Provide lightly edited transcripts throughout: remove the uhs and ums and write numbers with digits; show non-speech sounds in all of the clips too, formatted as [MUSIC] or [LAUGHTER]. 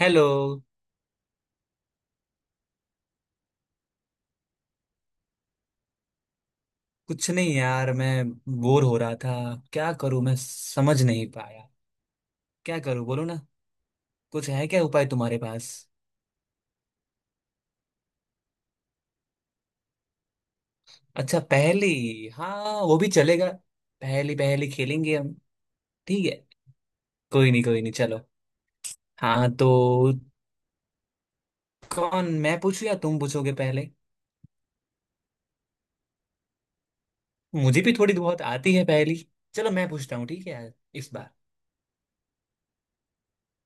Hello. कुछ नहीं यार, मैं बोर हो रहा था। क्या करूं, मैं समझ नहीं पाया। क्या करूं बोलो ना। कुछ है क्या उपाय तुम्हारे पास? अच्छा पहेली, हाँ वो भी चलेगा। पहेली पहेली खेलेंगे हम। ठीक है। कोई नहीं चलो। हाँ तो कौन, मैं पूछूं या तुम पूछोगे पहले? मुझे भी थोड़ी बहुत आती है पहेली। चलो मैं पूछता हूँ, ठीक है इस बार।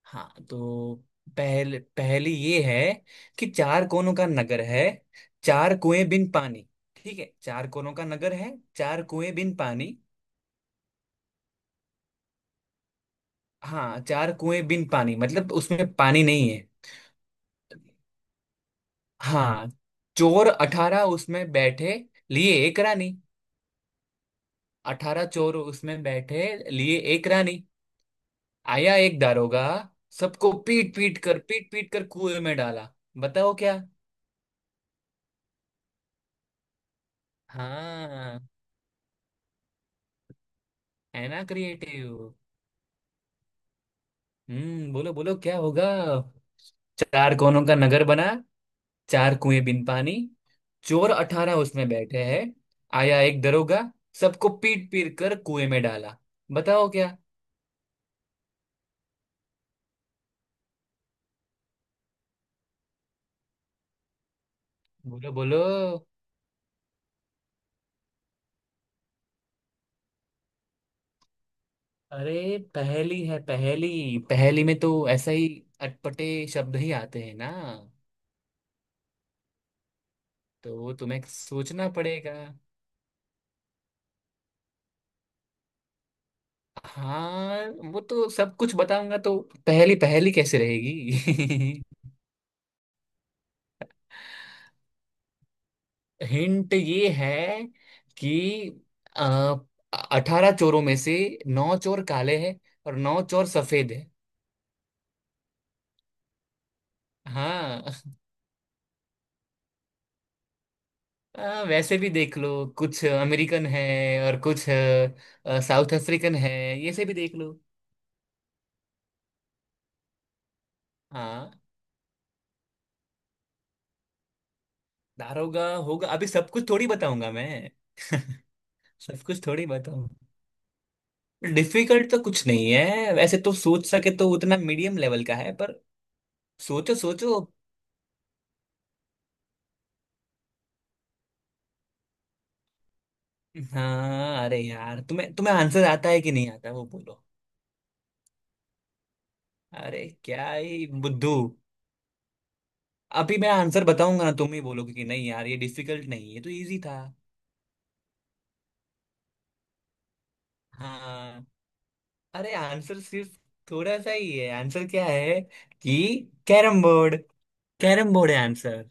हाँ तो पहले पहली ये है कि चार कोनों का नगर है, चार कुएं बिन पानी। ठीक है, चार कोनों का नगर है, चार कुएं बिन पानी। हाँ, चार कुएं बिन पानी मतलब उसमें पानी नहीं है। हाँ, चोर अठारह उसमें बैठे, लिए एक रानी। अठारह चोर उसमें बैठे, लिए एक रानी। आया एक दारोगा, सबको पीट पीट कर कुएं में डाला। बताओ क्या। हाँ, है ना क्रिएटिव। हम्म, बोलो बोलो क्या होगा। चार कोनों का नगर बना, चार कुएं बिन पानी, चोर अठारह उसमें बैठे हैं, आया एक दरोगा, सबको पीट पीट कर कुएं में डाला। बताओ क्या। बोलो बोलो। अरे पहेली है, पहेली पहेली में तो ऐसा ही अटपटे शब्द ही आते हैं ना। तो वो तुम्हें सोचना पड़ेगा। हाँ, वो तो सब कुछ बताऊंगा तो पहेली पहेली कैसे रहेगी। [LAUGHS] हिंट ये है कि अठारह चोरों में से नौ चोर काले हैं और नौ चोर सफेद है। हाँ। वैसे भी देख लो, कुछ अमेरिकन है और कुछ साउथ अफ्रीकन है। ये से भी देख लो। हाँ, दारोगा होगा, अभी सब कुछ थोड़ी बताऊंगा मैं। [LAUGHS] सब कुछ थोड़ी बताऊंगा। डिफिकल्ट तो कुछ नहीं है वैसे तो, सोच सके तो उतना मीडियम लेवल का है पर। सोचो सोचो। हाँ अरे यार, तुम्हें तुम्हें आंसर आता है कि नहीं आता वो बोलो। अरे क्या ही बुद्धू। अभी मैं आंसर बताऊंगा ना, तुम ही बोलोगे कि नहीं यार ये डिफिकल्ट नहीं, ये तो इजी था। हाँ, अरे आंसर सिर्फ थोड़ा सा ही है। आंसर क्या है कि कैरम बोर्ड। कैरम बोर्ड है आंसर।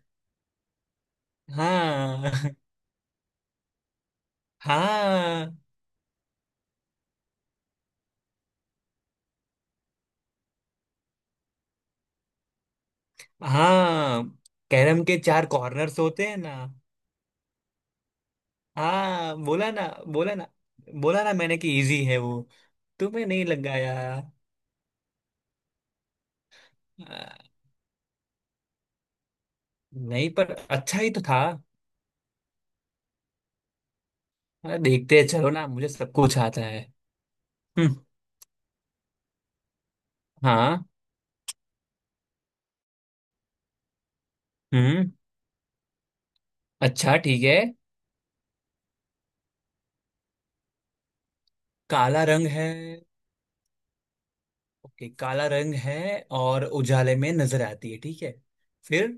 हाँ। [LAUGHS] हाँ। हाँ, कैरम के चार कॉर्नर्स होते हैं ना। हाँ, बोला ना। बोला ना। बोला ना मैंने कि इजी है वो। तुम्हें नहीं लगाया? आ, नहीं पर अच्छा ही तो था। देखते हैं, चलो ना मुझे सब कुछ आता है। हम्म। हाँ। हम्म। अच्छा ठीक है। काला रंग है। ओके, काला रंग है और उजाले में नजर आती है, ठीक है। फिर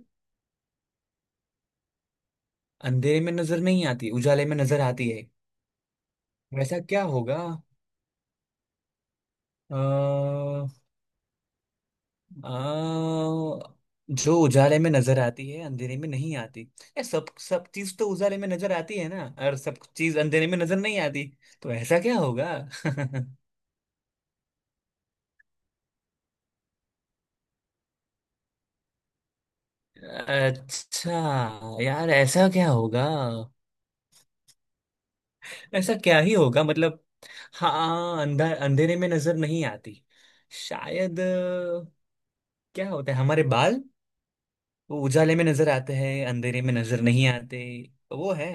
अंधेरे में नजर नहीं आती, उजाले में नजर आती है, वैसा क्या होगा? अ, आ, जो उजाले में नजर आती है अंधेरे में नहीं आती। ये सब सब चीज तो उजाले में नजर आती है ना, और सब चीज अंधेरे में नजर नहीं आती। तो ऐसा क्या होगा? [LAUGHS] अच्छा यार, ऐसा क्या होगा? ऐसा क्या ही होगा मतलब। हाँ, अंधा अंधेरे में नजर नहीं आती। शायद क्या होता है हमारे बाल, वो उजाले में नजर आते हैं अंधेरे में नजर नहीं आते। तो वो है,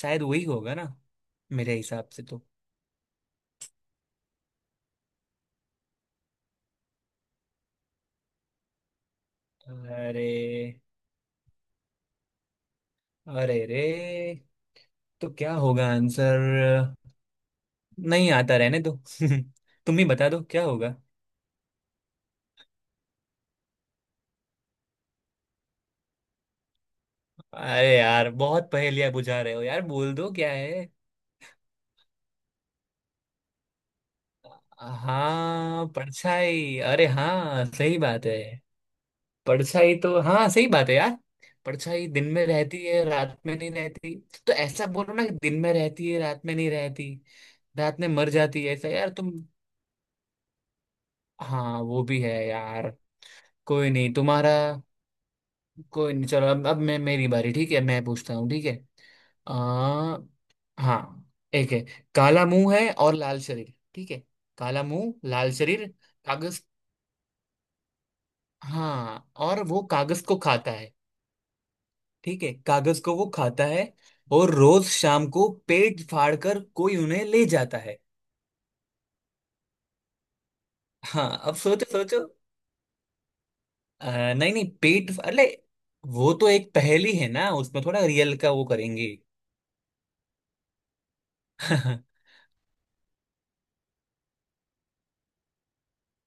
शायद वही होगा ना, मेरे हिसाब से तो। अरे, अरे रे। तो क्या होगा आंसर? नहीं आता, रहने दो। [LAUGHS] तुम ही बता दो क्या होगा। अरे यार बहुत पहेलियां बुझा रहे हो यार, बोल दो क्या है। हाँ, परछाई। अरे हाँ सही बात है। परछाई तो हाँ सही बात है यार। परछाई दिन में रहती है रात में नहीं रहती। तो ऐसा बोलो ना कि दिन में रहती है रात में नहीं रहती। रात में मर जाती है ऐसा यार तुम। हाँ, वो भी है यार। कोई नहीं तुम्हारा। कोई नहीं चलो, अब मैं, मेरी बारी, ठीक है मैं पूछता हूँ, ठीक है। आ, हाँ, एक है काला मुंह है और लाल शरीर, ठीक है। काला मुंह लाल शरीर। कागज। हाँ, और वो कागज को खाता है। ठीक है, कागज को वो खाता है, और रोज शाम को पेट फाड़ कर कोई उन्हें ले जाता है। हाँ अब सोचो सोचो। नहीं नहीं पेट, अरे वो तो एक पहेली है ना, उसमें थोड़ा रियल का वो करेंगे। [LAUGHS]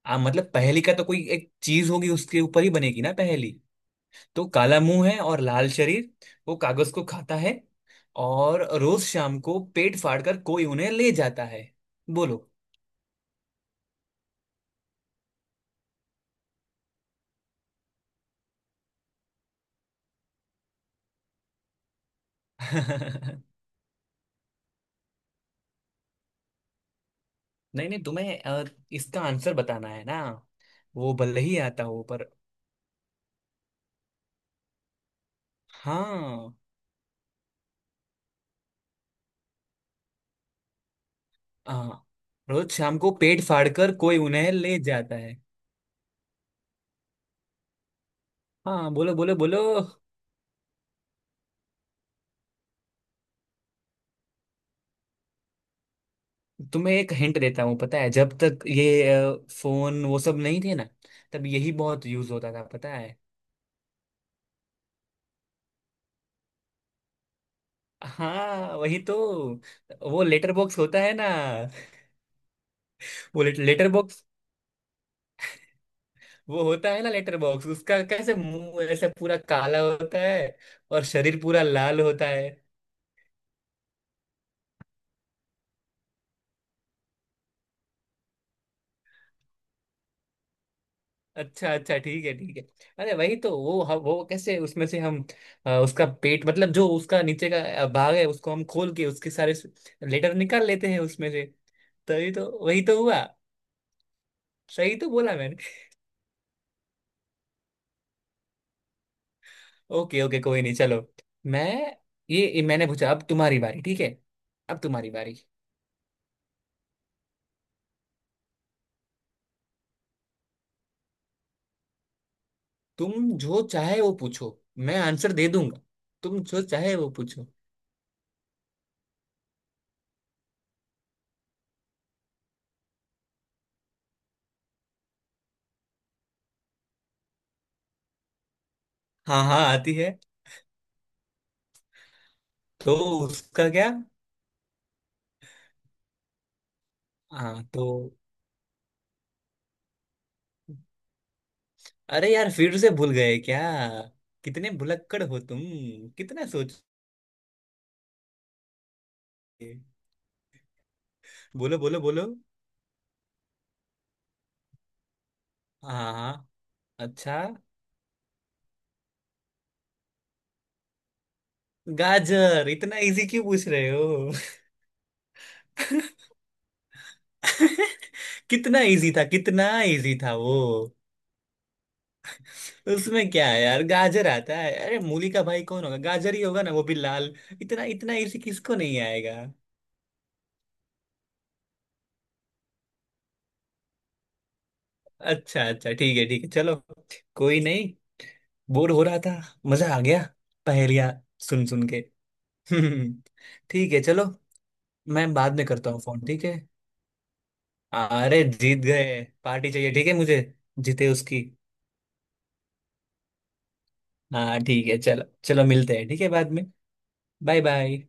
मतलब पहेली का तो कोई एक चीज होगी उसके ऊपर ही बनेगी ना पहेली। तो काला मुंह है और लाल शरीर, वो कागज को खाता है और रोज शाम को पेट फाड़कर कोई उन्हें ले जाता है। बोलो। [LAUGHS] नहीं नहीं, तुम्हें इसका आंसर बताना है ना। वो भले ही आता हो पर। हाँ, हाँ, रोज शाम को पेट फाड़कर कोई उन्हें ले जाता है। हाँ बोलो बोलो बोलो। तुम्हें एक हिंट देता हूँ, पता है जब तक ये फोन वो सब नहीं थे ना, तब यही बहुत यूज होता था, पता है। हाँ वही तो, वो लेटर बॉक्स होता है ना। Letter box. वो होता है ना लेटर बॉक्स, उसका कैसे मुंह ऐसे पूरा काला होता है और शरीर पूरा लाल होता है। अच्छा अच्छा ठीक है ठीक है। अरे वही तो वो वो कैसे उसमें से हम उसका पेट मतलब जो उसका नीचे का भाग है, उसको हम खोल के उसके सारे लेटर निकाल लेते हैं उसमें से। तो ये तो वही तो हुआ। सही तो बोला मैंने। ओके ओके कोई नहीं चलो। मैं, ये मैंने पूछा, अब तुम्हारी बारी, ठीक है अब तुम्हारी बारी। तुम जो चाहे वो पूछो। मैं आंसर दे दूंगा। तुम जो चाहे वो पूछो। हाँ हाँ आती है। तो उसका क्या? हाँ तो अरे यार फिर से भूल गए क्या? कितने भुलक्कड़ हो तुम, कितना सोचे। बोलो बोलो बोलो। हाँ हाँ। अच्छा। गाजर, इतना इजी क्यों पूछ रहे हो? [LAUGHS] कितना इजी था, कितना इजी था वो। उसमें क्या है यार, गाजर आता है, अरे मूली का भाई कौन होगा गाजर ही होगा ना, वो भी लाल। इतना इतना इजी किसको नहीं आएगा। अच्छा अच्छा ठीक है चलो। कोई नहीं। बोर हो रहा था, मजा आ गया पहेलियां सुन सुन के। [LAUGHS] हम्म। ठीक है चलो। मैं बाद में करता हूँ फोन, ठीक है। अरे जीत गए, पार्टी चाहिए ठीक है मुझे, जीते उसकी। हाँ ठीक है चलो चलो मिलते हैं ठीक है बाद में। Bye bye.